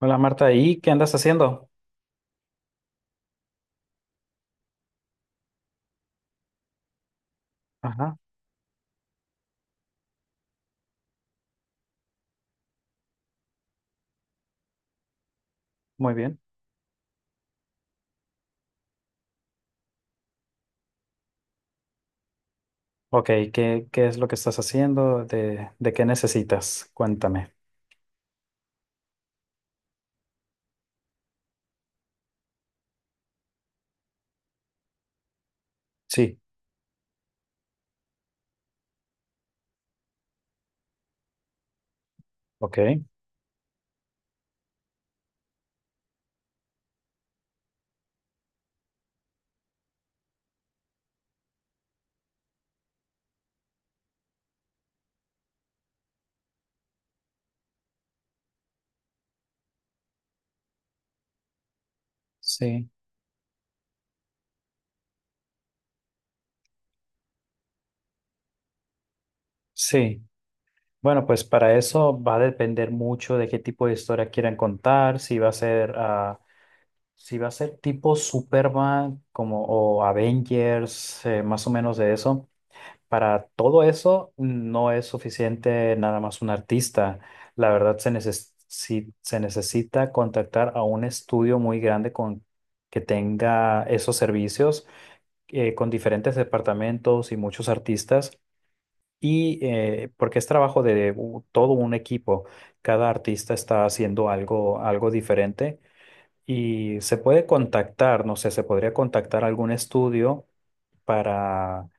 Hola Marta, ¿y qué andas haciendo? Ajá, muy bien. Ok, ¿qué es lo que estás haciendo? ¿¿De qué necesitas? Cuéntame. Sí, ok. Sí, sí. Bueno, pues para eso va a depender mucho de qué tipo de historia quieran contar, si va a ser, si va a ser tipo Superman, como o Avengers, más o menos de eso. Para todo eso no es suficiente nada más un artista. La verdad se neces- si- se necesita contactar a un estudio muy grande con que tenga esos servicios, con diferentes departamentos y muchos artistas. Y porque es trabajo de todo un equipo. Cada artista está haciendo algo, algo diferente y se puede contactar, no sé, se podría contactar a algún estudio para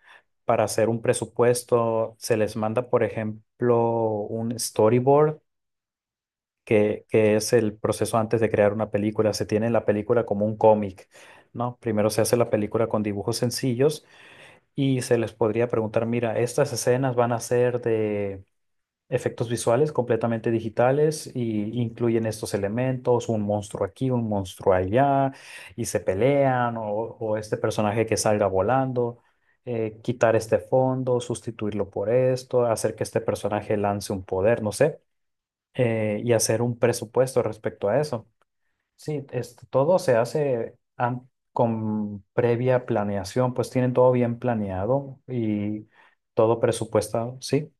para hacer un presupuesto. Se les manda, por ejemplo, un storyboard, que es el proceso antes de crear una película. Se tiene la película como un cómic, ¿no? Primero se hace la película con dibujos sencillos y se les podría preguntar, mira, estas escenas van a ser de efectos visuales completamente digitales y incluyen estos elementos, un monstruo aquí, un monstruo allá, y se pelean, o este personaje que salga volando, quitar este fondo, sustituirlo por esto, hacer que este personaje lance un poder, no sé, y hacer un presupuesto respecto a eso. Sí, esto, todo se hace con previa planeación, pues tienen todo bien planeado y todo presupuestado, ¿sí?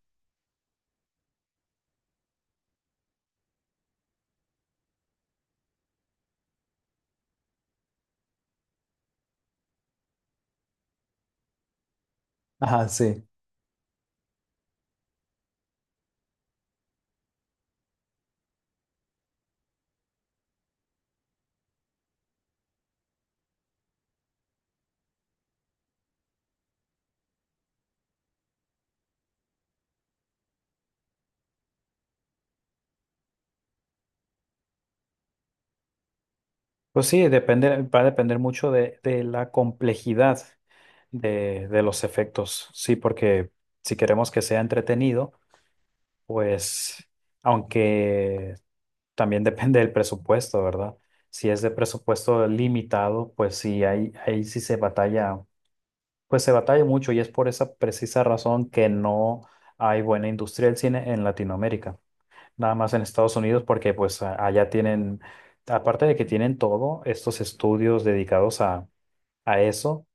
Ajá, sí. Pues sí, depende, va a depender mucho de la complejidad de los efectos. Sí, porque si queremos que sea entretenido, pues aunque también depende del presupuesto, ¿verdad? Si es de presupuesto limitado, pues sí, ahí, ahí sí se batalla, pues se batalla mucho y es por esa precisa razón que no hay buena industria del cine en Latinoamérica, nada más en Estados Unidos, porque pues allá tienen, aparte de que tienen todo, estos estudios dedicados a eso,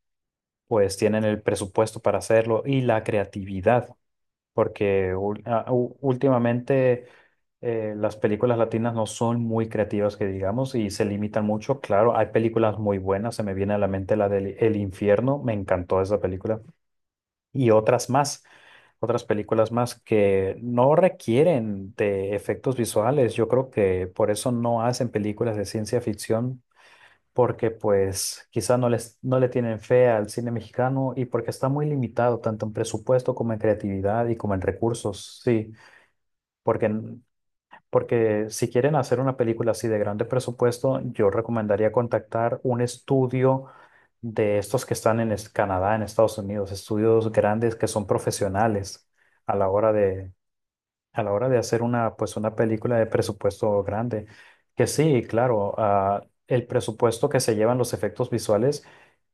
pues tienen el presupuesto para hacerlo y la creatividad, porque últimamente las películas latinas no son muy creativas, que digamos, y se limitan mucho. Claro, hay películas muy buenas, se me viene a la mente la del El Infierno, me encantó esa película, y otras más, otras películas más que no requieren de efectos visuales. Yo creo que por eso no hacen películas de ciencia ficción, porque pues quizá no les, no le tienen fe al cine mexicano y porque está muy limitado tanto en presupuesto como en creatividad y como en recursos. Sí, porque, porque si quieren hacer una película así de grande presupuesto, yo recomendaría contactar un estudio de estos que están en Canadá, en Estados Unidos, estudios grandes que son profesionales a la hora de, a la hora de hacer una, pues una película de presupuesto grande. Que sí, claro, el presupuesto que se llevan los efectos visuales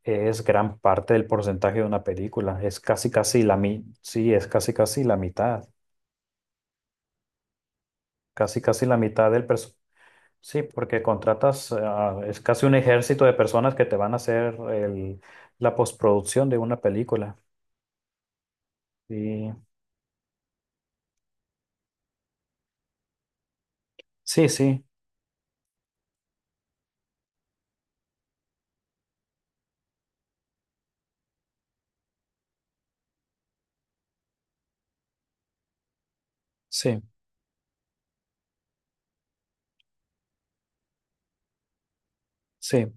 es gran parte del porcentaje de una película. Es casi casi la mi sí, es casi casi la mitad. Casi casi la mitad del presupuesto. Sí, porque contratas, es casi un ejército de personas que te van a hacer la postproducción de una película. Y sí, sí, sí, sí,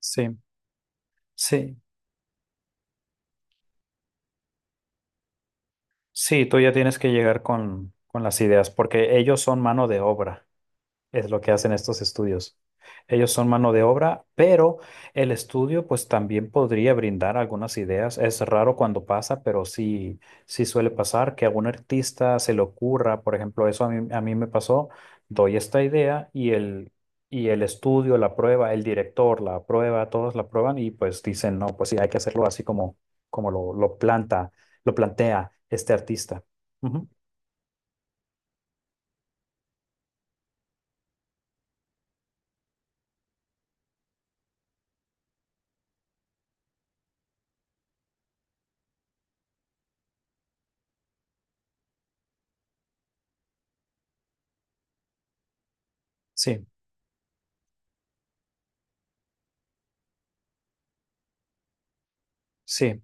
sí, sí. Sí, tú ya tienes que llegar con las ideas, porque ellos son mano de obra. Es lo que hacen estos estudios. Ellos son mano de obra, pero el estudio pues también podría brindar algunas ideas. Es raro cuando pasa, pero sí, sí suele pasar que a algún artista se le ocurra, por ejemplo, eso a mí me pasó, doy esta idea y el estudio la aprueba, el director la aprueba, todos la aprueban y pues dicen, no, pues sí, hay que hacerlo así como, como lo, lo plantea este artista. Ujú. Sí, sí.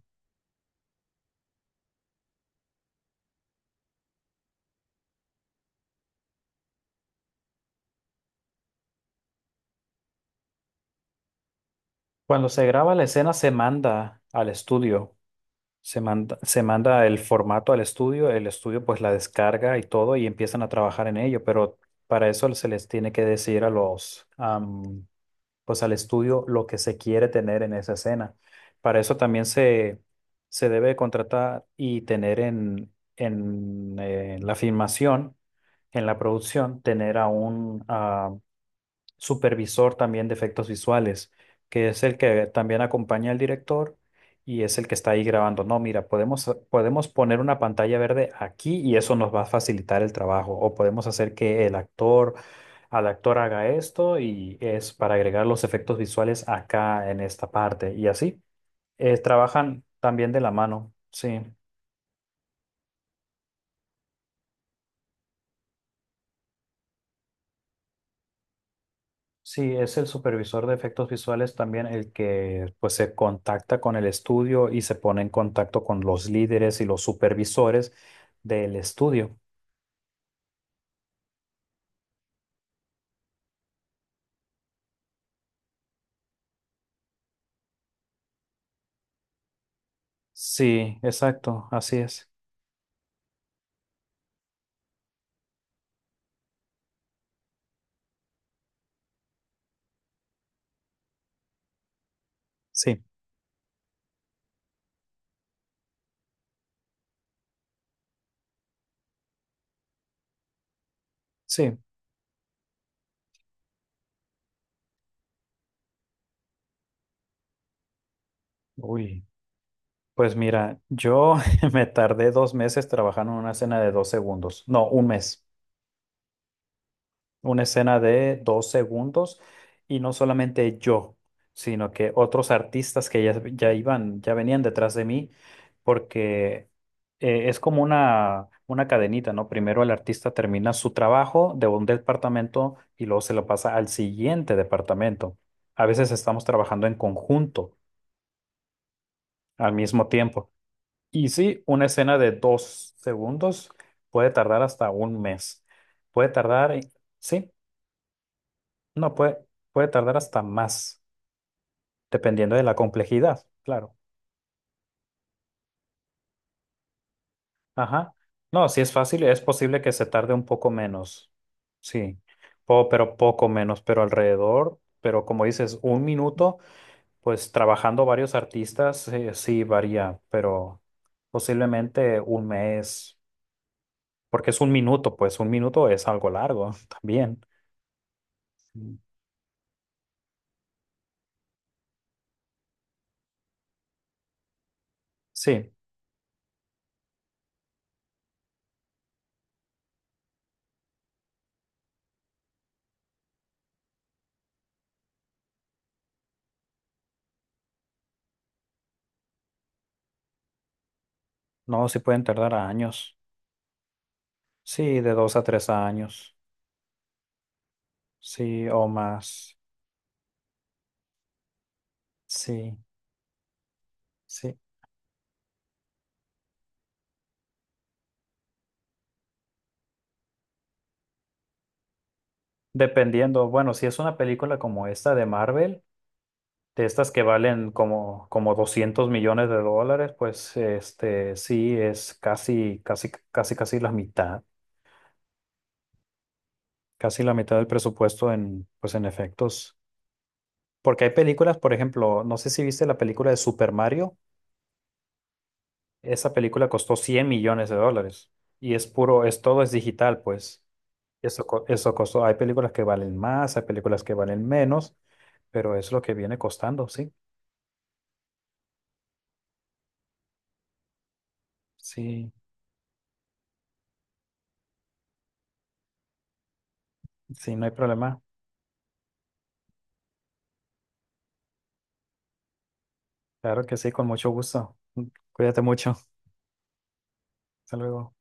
Cuando se graba la escena se manda al estudio, se manda el formato al estudio, el estudio pues la descarga y todo y empiezan a trabajar en ello, pero para eso se les tiene que decir a los, pues al estudio lo que se quiere tener en esa escena. Para eso también se debe contratar y tener en la filmación, en la producción, tener a un, supervisor también de efectos visuales, que es el que también acompaña al director y es el que está ahí grabando. No, mira, podemos, podemos poner una pantalla verde aquí y eso nos va a facilitar el trabajo. O podemos hacer que el actor, al actor haga esto y es para agregar los efectos visuales acá en esta parte. Y así, trabajan también de la mano. Sí. Sí, es el supervisor de efectos visuales también el que pues se contacta con el estudio y se pone en contacto con los líderes y los supervisores del estudio. Sí, exacto, así es. Sí, sí. Uy, pues mira, yo me tardé dos meses trabajando en una escena de dos segundos. No, un mes. Una escena de dos segundos y no solamente yo, sino que otros artistas que ya, ya iban, ya venían detrás de mí, porque es como una cadenita, ¿no? Primero el artista termina su trabajo de un departamento y luego se lo pasa al siguiente departamento. A veces estamos trabajando en conjunto al mismo tiempo. Y sí, una escena de dos segundos puede tardar hasta un mes. Puede tardar, sí. No puede, puede tardar hasta más, dependiendo de la complejidad, claro. Ajá. No, si es fácil, es posible que se tarde un poco menos. Sí, pero poco menos, pero alrededor, pero como dices, un minuto, pues trabajando varios artistas, sí varía, pero posiblemente un mes, porque es un minuto, pues un minuto es algo largo también. Mm. Sí, no, sí pueden tardar años. Sí, de dos a tres años. Sí, o más. Sí, sí. Dependiendo, bueno, si es una película como esta de Marvel, de estas que valen como, como 200 millones de dólares, pues este sí es casi, casi, casi, casi la mitad del presupuesto en, pues en efectos. Porque hay películas, por ejemplo, no sé si viste la película de Super Mario, esa película costó 100 millones de dólares y es puro, es todo es digital, pues. Eso, eso costó, hay películas que valen más, hay películas que valen menos, pero es lo que viene costando, sí. Sí, sí, no hay problema. Claro que sí, con mucho gusto. Cuídate mucho. Hasta luego.